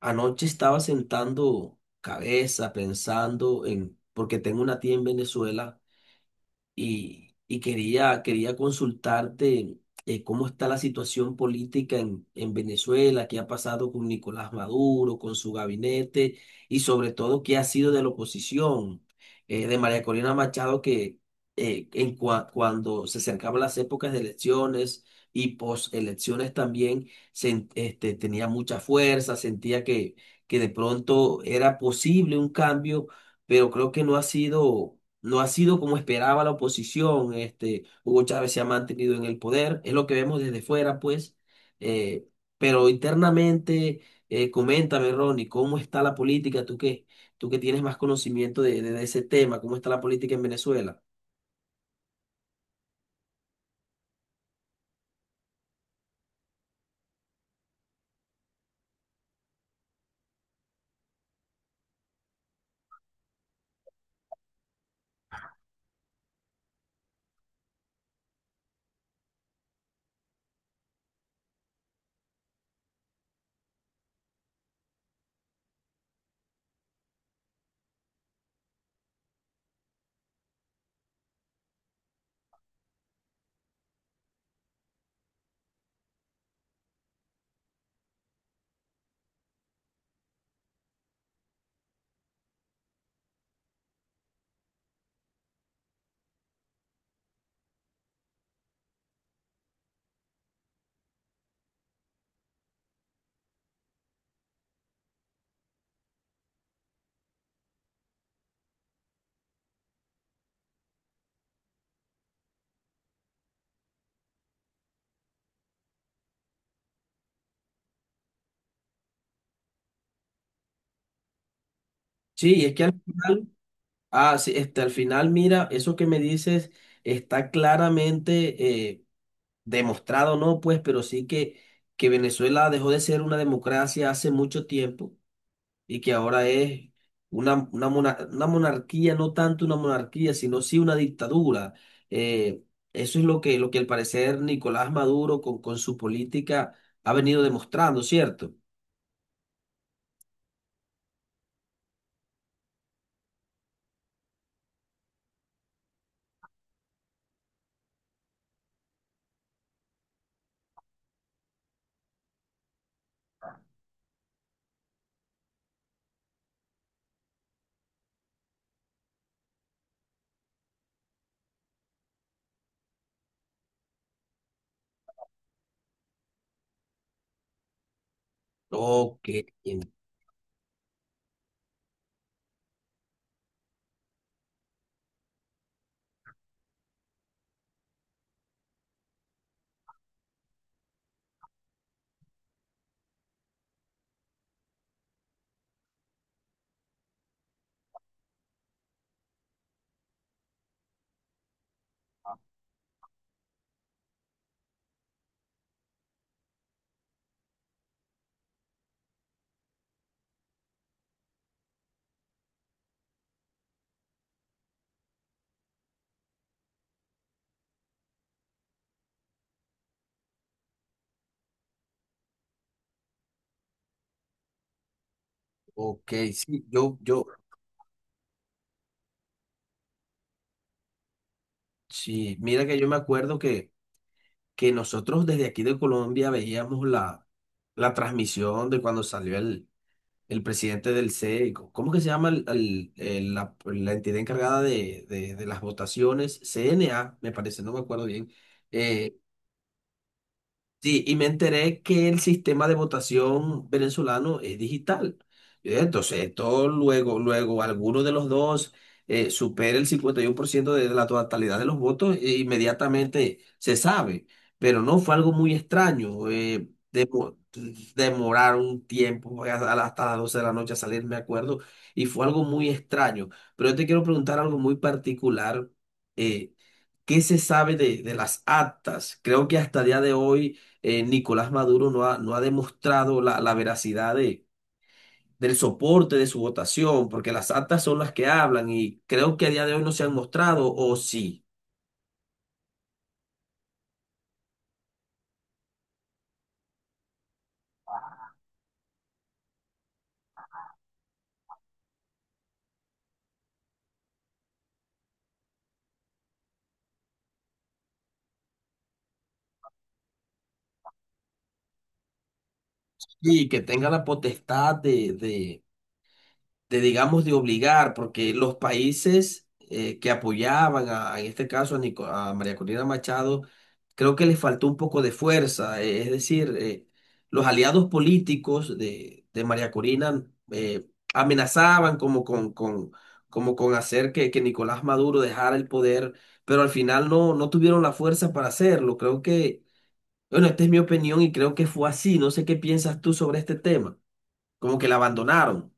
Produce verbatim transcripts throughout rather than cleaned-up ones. Anoche estaba sentando cabeza, pensando en, porque tengo una tía en Venezuela y, y quería, quería consultarte. Eh, ¿cómo está la situación política en, en Venezuela? ¿Qué ha pasado con Nicolás Maduro, con su gabinete y sobre todo qué ha sido de la oposición, eh, de María Corina Machado que eh, en cua- cuando se acercaban las épocas de elecciones y postelecciones también sen- este, tenía mucha fuerza? Sentía que, que de pronto era posible un cambio, pero creo que no ha sido, no ha sido como esperaba la oposición. Este, Hugo Chávez se ha mantenido en el poder, es lo que vemos desde fuera, pues. eh, pero internamente, eh, coméntame, Ronnie, ¿cómo está la política? Tú qué tú que tienes más conocimiento de, de- de ese tema, ¿cómo está la política en Venezuela? Sí, es que al final, ah, sí, este, al final, mira, eso que me dices está claramente eh, demostrado, ¿no? Pues, pero sí que, que Venezuela dejó de ser una democracia hace mucho tiempo y que ahora es una, una, mona- una monarquía, no tanto una monarquía, sino sí una dictadura. Eh, Eso es lo que, lo que al parecer Nicolás Maduro con, con su política ha venido demostrando, ¿cierto? Ok, en- ok, sí, yo, yo, sí, mira que yo me acuerdo que, que nosotros desde aquí de Colombia veíamos la, la transmisión de cuando salió el el presidente del C E I C O. ¿Cómo que se llama el- el- el- la, la entidad encargada de, de- de las votaciones? C N A, me parece, no me acuerdo bien. Eh, Sí, y me enteré que el sistema de votación venezolano es digital. Eh, Entonces, esto luego, luego alguno de los dos eh, supera el cincuenta y uno por ciento de la totalidad de los votos, e inmediatamente se sabe. Pero no fue algo muy extraño. Eh, demo- demorar un tiempo a- a- hasta las doce de la noche a salir, me acuerdo, y fue algo muy extraño. Pero yo te quiero preguntar algo muy particular. eh, ¿Qué se sabe de, de las actas? Creo que hasta el día de hoy eh, Nicolás Maduro no ha, no ha demostrado la, la veracidad de, del soporte de su votación, porque las actas son las que hablan y creo que a día de hoy no se han mostrado, o sí, y que tenga la potestad de, de de, digamos, de obligar, porque los países eh, que apoyaban, a- en este caso a, Nico- a María Corina Machado, creo que les faltó un poco de fuerza, eh, es decir, eh, los aliados políticos de, de María Corina eh, amenazaban como con, con, como con hacer que, que Nicolás Maduro dejara el poder, pero al final no, no tuvieron la fuerza para hacerlo. Creo que, bueno, esta es mi opinión y creo que fue así. No sé qué piensas tú sobre este tema, como que la abandonaron.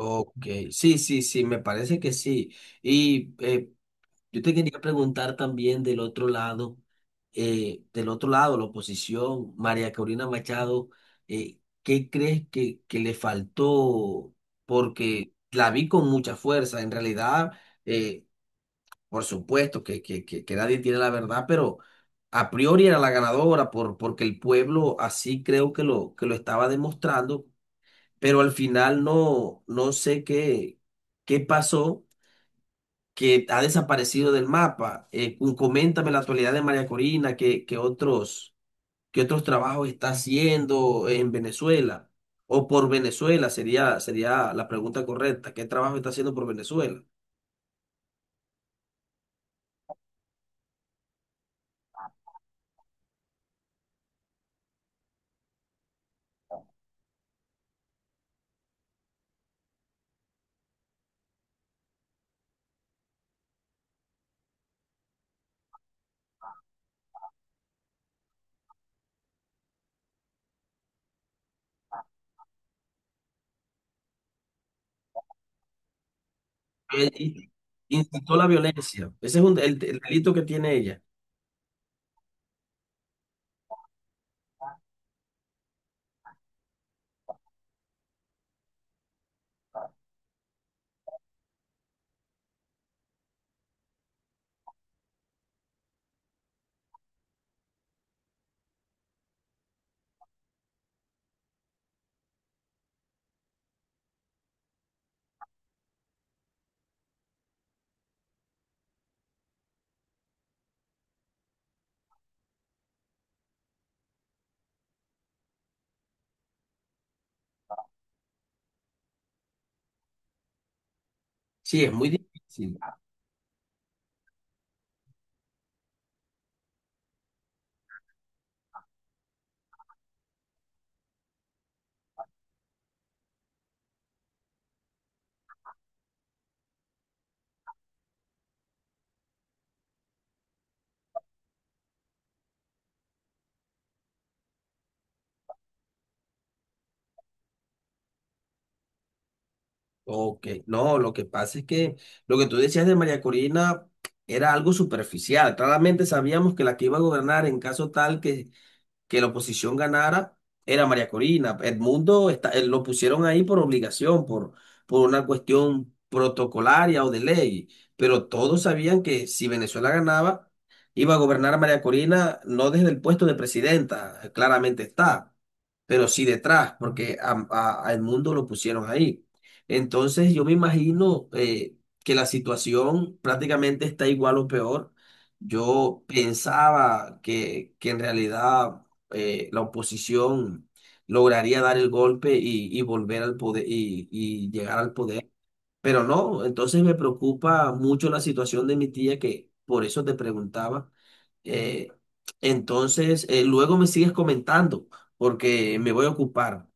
Ok, sí, sí, sí, me parece que sí. Y eh, yo te quería preguntar también del otro lado, eh, del otro lado, la oposición, María Corina Machado, eh, ¿qué crees que, que le faltó? Porque la vi con mucha fuerza, en realidad, eh, por supuesto que, que, que, que nadie tiene la verdad, pero a priori era la ganadora por, porque el pueblo así creo que lo, que lo estaba demostrando, pero al final no, no sé qué, qué pasó, que ha desaparecido del mapa. Eh, cu- coméntame la actualidad de María Corina, qué, qué otros, qué otros trabajos está haciendo en Venezuela o por Venezuela, sería, sería la pregunta correcta. ¿Qué trabajo está haciendo por Venezuela? Eh, in- Incitó la violencia. Ese es un- el, el delito que tiene ella. Sí, es muy difícil. Ok, no, lo que pasa es que lo que tú decías de María Corina era algo superficial. Claramente sabíamos que la que iba a gobernar en caso tal que que la oposición ganara era María Corina. Edmundo está, eh, lo pusieron ahí por obligación, por, por una cuestión protocolaria o de ley, pero todos sabían que si Venezuela ganaba, iba a gobernar a María Corina no desde el puesto de presidenta, eh, claramente está, pero sí detrás, porque a, a- a Edmundo lo pusieron ahí. Entonces yo me imagino eh, que la situación prácticamente está igual o peor. Yo pensaba que, que en realidad eh, la oposición lograría dar el golpe y, y volver al poder y, y llegar al poder. Pero no, entonces me preocupa mucho la situación de mi tía, que por eso te preguntaba. Eh, entonces, eh, luego me sigues comentando, porque me voy a ocupar.